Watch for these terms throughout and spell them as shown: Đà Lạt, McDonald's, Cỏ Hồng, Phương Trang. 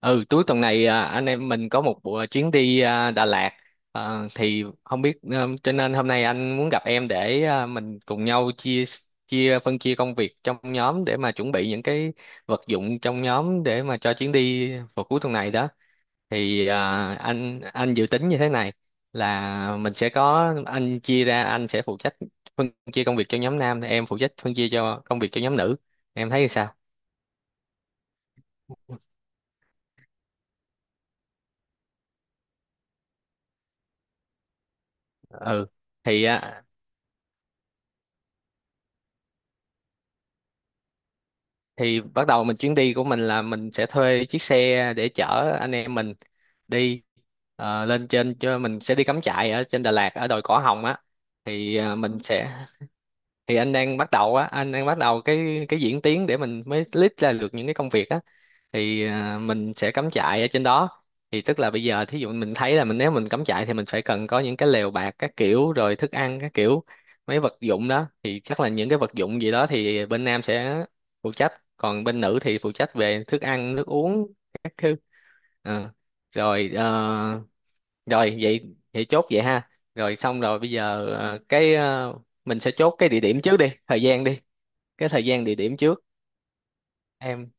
Ừ, cuối tuần này anh em mình có một buổi chuyến đi Đà Lạt. Thì không biết, cho nên hôm nay anh muốn gặp em để, mình cùng nhau chia chia phân chia công việc trong nhóm để mà chuẩn bị những cái vật dụng trong nhóm để mà cho chuyến đi vào cuối tuần này đó. Thì à, anh dự tính như thế này là mình sẽ có, anh chia ra, anh sẽ phụ trách phân chia công việc cho nhóm nam, em phụ trách phân chia cho công việc cho nhóm nữ. Em thấy sao? Ừ, thì thì bắt đầu mình, chuyến đi của mình là mình sẽ thuê chiếc xe để chở anh em mình đi, lên trên, cho mình sẽ đi cắm trại ở trên Đà Lạt ở đồi Cỏ Hồng á. Thì mình sẽ, thì anh đang bắt đầu á, anh đang bắt đầu cái diễn tiến để mình mới list ra được những cái công việc á. Thì mình sẽ cắm trại ở trên đó. Thì tức là bây giờ, thí dụ mình thấy là mình, nếu mình cắm trại thì mình phải cần có những cái lều bạt các kiểu, rồi thức ăn các kiểu, mấy vật dụng đó, thì chắc là những cái vật dụng gì đó thì bên nam sẽ phụ trách, còn bên nữ thì phụ trách về thức ăn nước uống các thứ. Ờ, rồi, rồi vậy vậy, chốt vậy ha, rồi xong rồi. Bây giờ, mình sẽ chốt cái địa điểm trước đi, thời gian đi, cái thời gian địa điểm trước. Em,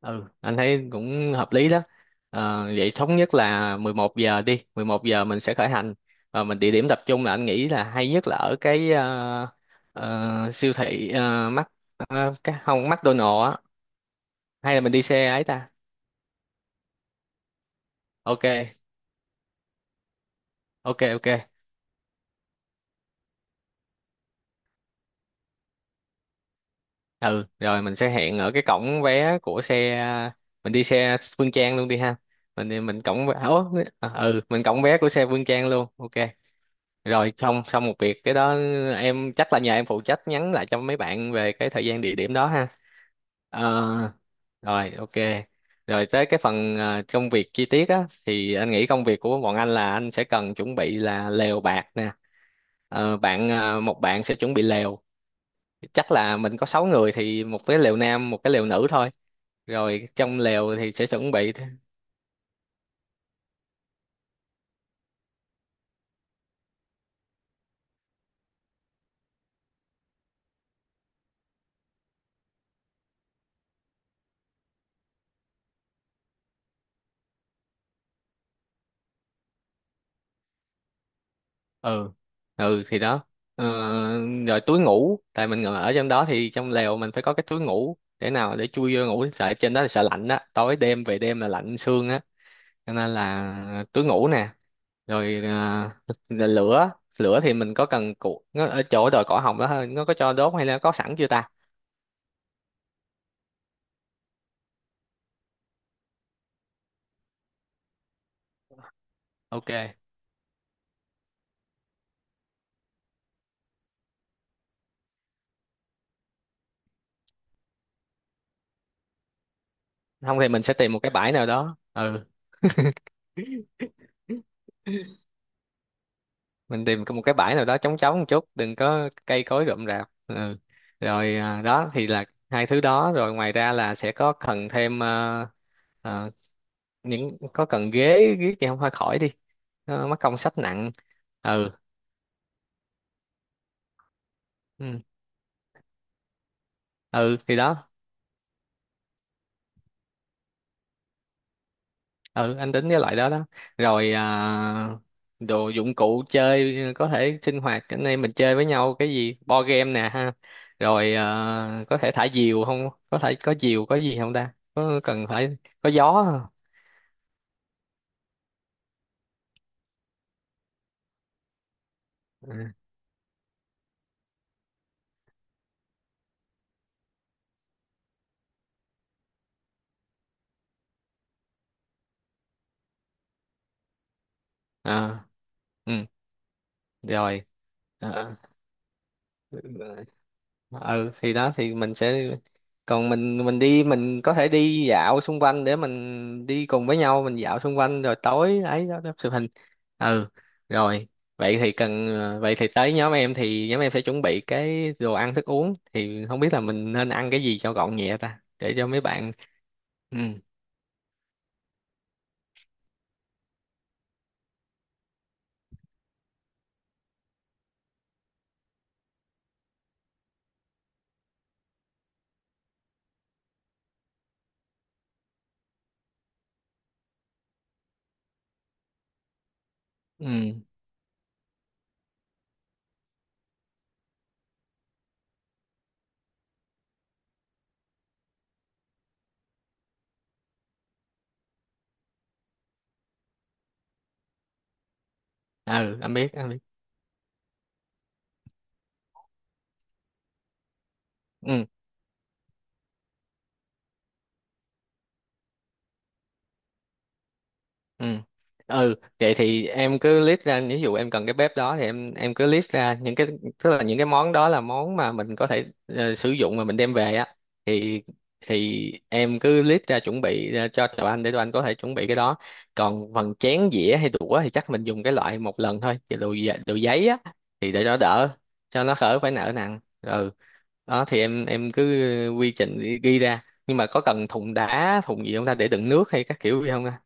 ừ anh thấy cũng hợp lý đó. Ờ, vậy thống nhất là 11 giờ đi, 11 giờ mình sẽ khởi hành. Và mình, địa điểm tập trung là anh nghĩ là hay nhất là ở cái, siêu thị, mắc, cái không, McDonald's á. Hay là mình đi xe ấy ta? Ok, ok, ok. Ừ, rồi mình sẽ hẹn ở cái cổng vé của xe. Mình đi xe Phương Trang luôn đi ha. Mình cổng vé, ủa, ừ, mình cổng vé của xe Phương Trang luôn. Ok, rồi xong xong một việc cái đó. Em, chắc là nhờ em phụ trách nhắn lại cho mấy bạn về cái thời gian địa điểm đó ha. Ờ, rồi ok. Rồi tới cái phần, công việc chi tiết á, thì anh nghĩ công việc của bọn anh là anh sẽ cần chuẩn bị là lều bạt nè. Ờ, bạn, một bạn sẽ chuẩn bị lều. Chắc là mình có 6 người thì một cái lều nam, một cái lều nữ thôi. Rồi trong lều thì sẽ chuẩn bị, ừ, ừ thì đó. ờ, Rồi túi ngủ, tại mình ngồi ở trong đó thì trong lều mình phải có cái túi ngủ để nào để chui vô ngủ, sợ trên đó là sợ lạnh á, tối đêm về đêm là lạnh xương á, cho nên là túi ngủ nè. Rồi là lửa. Lửa thì mình có cần cụ nó ở chỗ đồi cỏ hồng đó thôi, nó có cho đốt hay là có sẵn chưa ta? Ok, không thì mình sẽ tìm một cái bãi nào đó, ừ, mình tìm có một cái bãi nào đó trống trống một chút, đừng có cây cối rậm rạp. Ừ, rồi đó thì là hai thứ đó. Rồi ngoài ra là sẽ có cần thêm, à, những, có cần ghế. Ghế thì không, hơi khỏi đi, nó mắc công sách nặng. Ừ, ừ, ừ thì đó. Ừ, anh tính cái loại đó đó. Rồi đồ dụng cụ chơi, có thể sinh hoạt anh em mình chơi với nhau cái gì, board game nè ha. Rồi có thể thả diều không, có thể có diều có gì không ta, có cần phải có gió không? Ừ. À, ừ. Rồi. Ờ. Ừ thì đó thì mình sẽ, còn mình đi mình có thể đi dạo xung quanh để mình đi cùng với nhau, mình dạo xung quanh rồi tối ấy đó, đó chụp hình. Ừ, rồi vậy thì cần, vậy thì tới nhóm em, thì nhóm em sẽ chuẩn bị cái đồ ăn thức uống, thì không biết là mình nên ăn cái gì cho gọn nhẹ ta, để cho mấy bạn. Ừ, ừ, ừ anh biết, anh biết. Ừ, ừ, ừ vậy thì em cứ list ra, ví dụ em cần cái bếp đó thì em cứ list ra những cái, tức là những cái món đó là món mà mình có thể, sử dụng mà mình đem về á, thì thì em cứ list ra chuẩn bị ra cho tụi anh để tụi anh có thể chuẩn bị cái đó. Còn phần chén dĩa hay đũa thì chắc mình dùng cái loại một lần thôi, cái đồ giấy á, thì để nó đỡ, cho nó khỏi phải nợ nặng. Ừ, đó thì em cứ quy trình ghi ghi ra. Nhưng mà có cần thùng đá, thùng gì không ta, để đựng nước hay các kiểu gì không ta?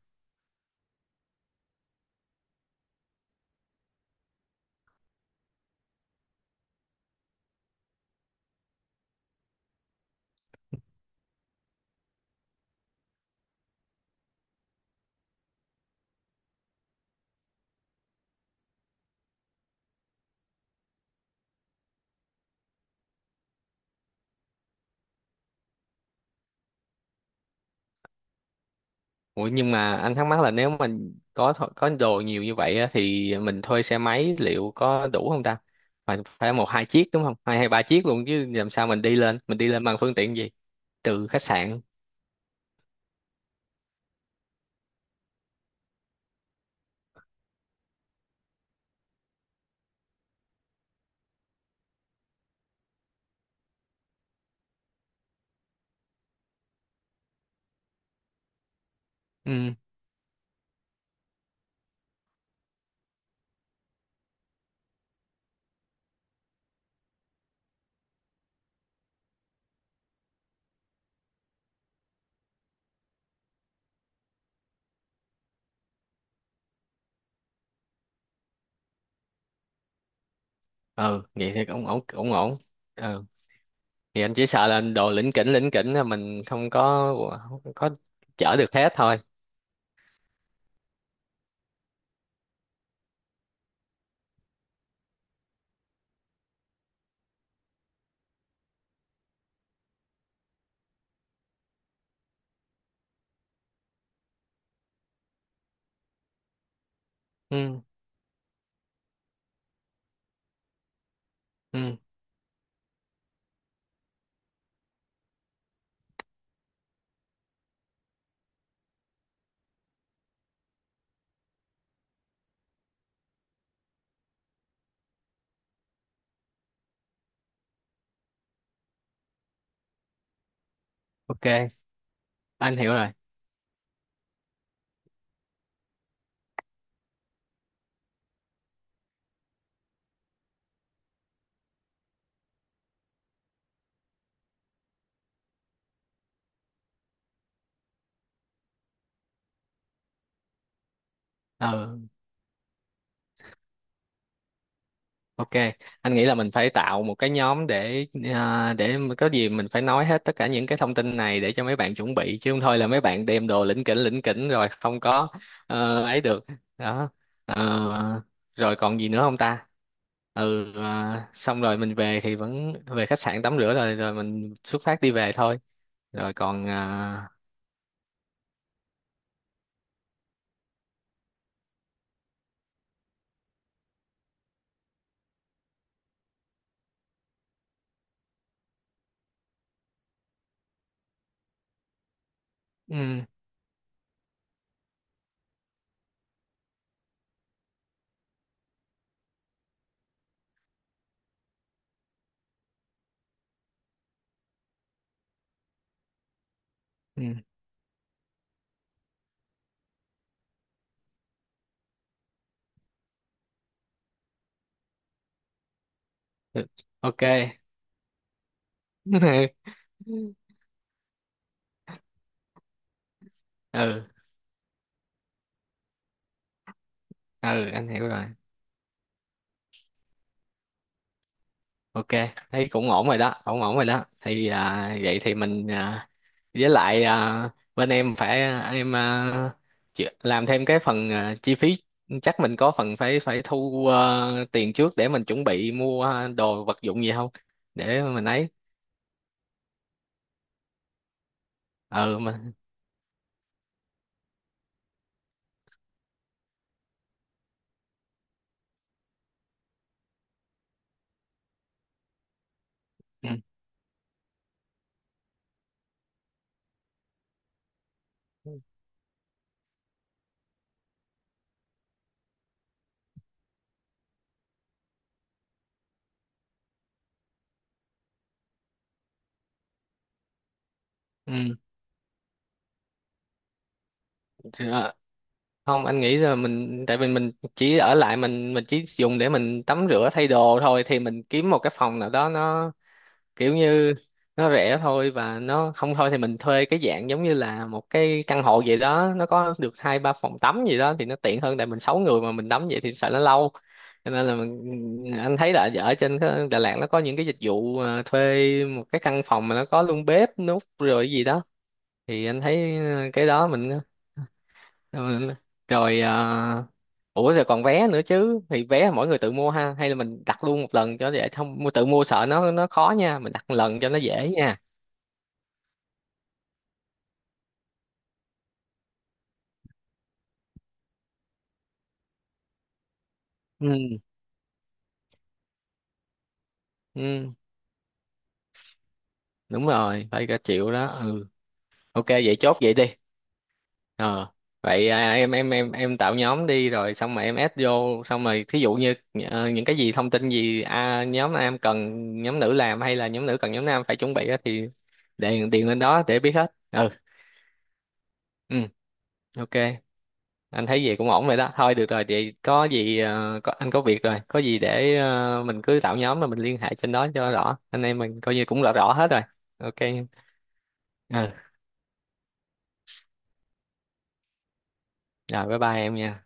Ủa nhưng mà anh thắc mắc là nếu mình có có đồ nhiều như vậy á, thì mình thuê xe máy liệu có đủ không ta? Phải phải một hai chiếc đúng không? Hai hay ba chiếc luôn chứ, làm sao mình đi lên? Mình đi lên bằng phương tiện gì? Từ khách sạn. Ừ. Ừ, vậy thì cũng ổn, ổn ổn. Ừ. Thì anh chỉ sợ là đồ lỉnh kỉnh là mình không có, không có chở được hết thôi. Ừ. Ừ. Ok, anh hiểu rồi. Ừ. Ok, anh nghĩ là mình phải tạo một cái nhóm để, để mà có gì mình phải nói hết tất cả những cái thông tin này để cho mấy bạn chuẩn bị, chứ không thôi là mấy bạn đem đồ lỉnh kỉnh rồi không có. Ấy được. Đó. Ờ, rồi còn gì nữa không ta? Ừ xong rồi mình về thì vẫn về khách sạn tắm rửa, rồi rồi mình xuất phát đi về thôi. Rồi còn ừ, ừ, ừ, ok. Ừ, ừ anh hiểu rồi. Ok, thấy cũng ổn rồi đó, ổn ổn rồi đó. Thì vậy thì mình, với lại, bên em phải, em à, làm thêm cái phần, chi phí. Chắc mình có phần phải, phải thu, tiền trước để mình chuẩn bị mua, đồ vật dụng gì không, để mình ấy. Ừ mà, ừ, ừ. Ờ, không anh nghĩ là mình, tại vì mình chỉ ở lại mình chỉ dùng để mình tắm rửa thay đồ thôi, thì mình kiếm một cái phòng nào đó nó kiểu như, nó rẻ thôi. Và nó, không thôi thì mình thuê cái dạng giống như là một cái căn hộ vậy đó, nó có được hai ba phòng tắm gì đó thì nó tiện hơn, tại mình sáu người mà mình tắm vậy thì sợ nó lâu. Cho nên là mình, anh thấy là ở trên cái Đà Lạt nó có những cái dịch vụ, thuê một cái căn phòng mà nó có luôn bếp nút rồi gì đó, thì anh thấy cái đó mình. Rồi, rồi ủa rồi còn vé nữa chứ, thì vé mỗi người tự mua ha, hay là mình đặt luôn một lần cho, để không tự mua sợ nó khó nha, mình đặt một lần cho nó dễ nha. Ừ, ừ đúng rồi, phải cả triệu đó. Ừ, ok vậy chốt vậy đi. Ờ, vậy em tạo nhóm đi rồi xong rồi em add vô, xong rồi thí dụ như, những cái gì thông tin gì, nhóm nam cần nhóm nữ làm, hay là nhóm nữ cần nhóm nam phải chuẩn bị á, thì điền điền lên đó để biết hết. Ừ, ừ ok. Anh thấy gì cũng ổn rồi đó, thôi được rồi. Vậy có gì, có, anh có việc rồi, có gì để, mình cứ tạo nhóm mà mình liên hệ trên đó cho rõ, anh em mình coi như cũng rõ rõ hết rồi. Ok. Ừ. Rồi bye bye em nha.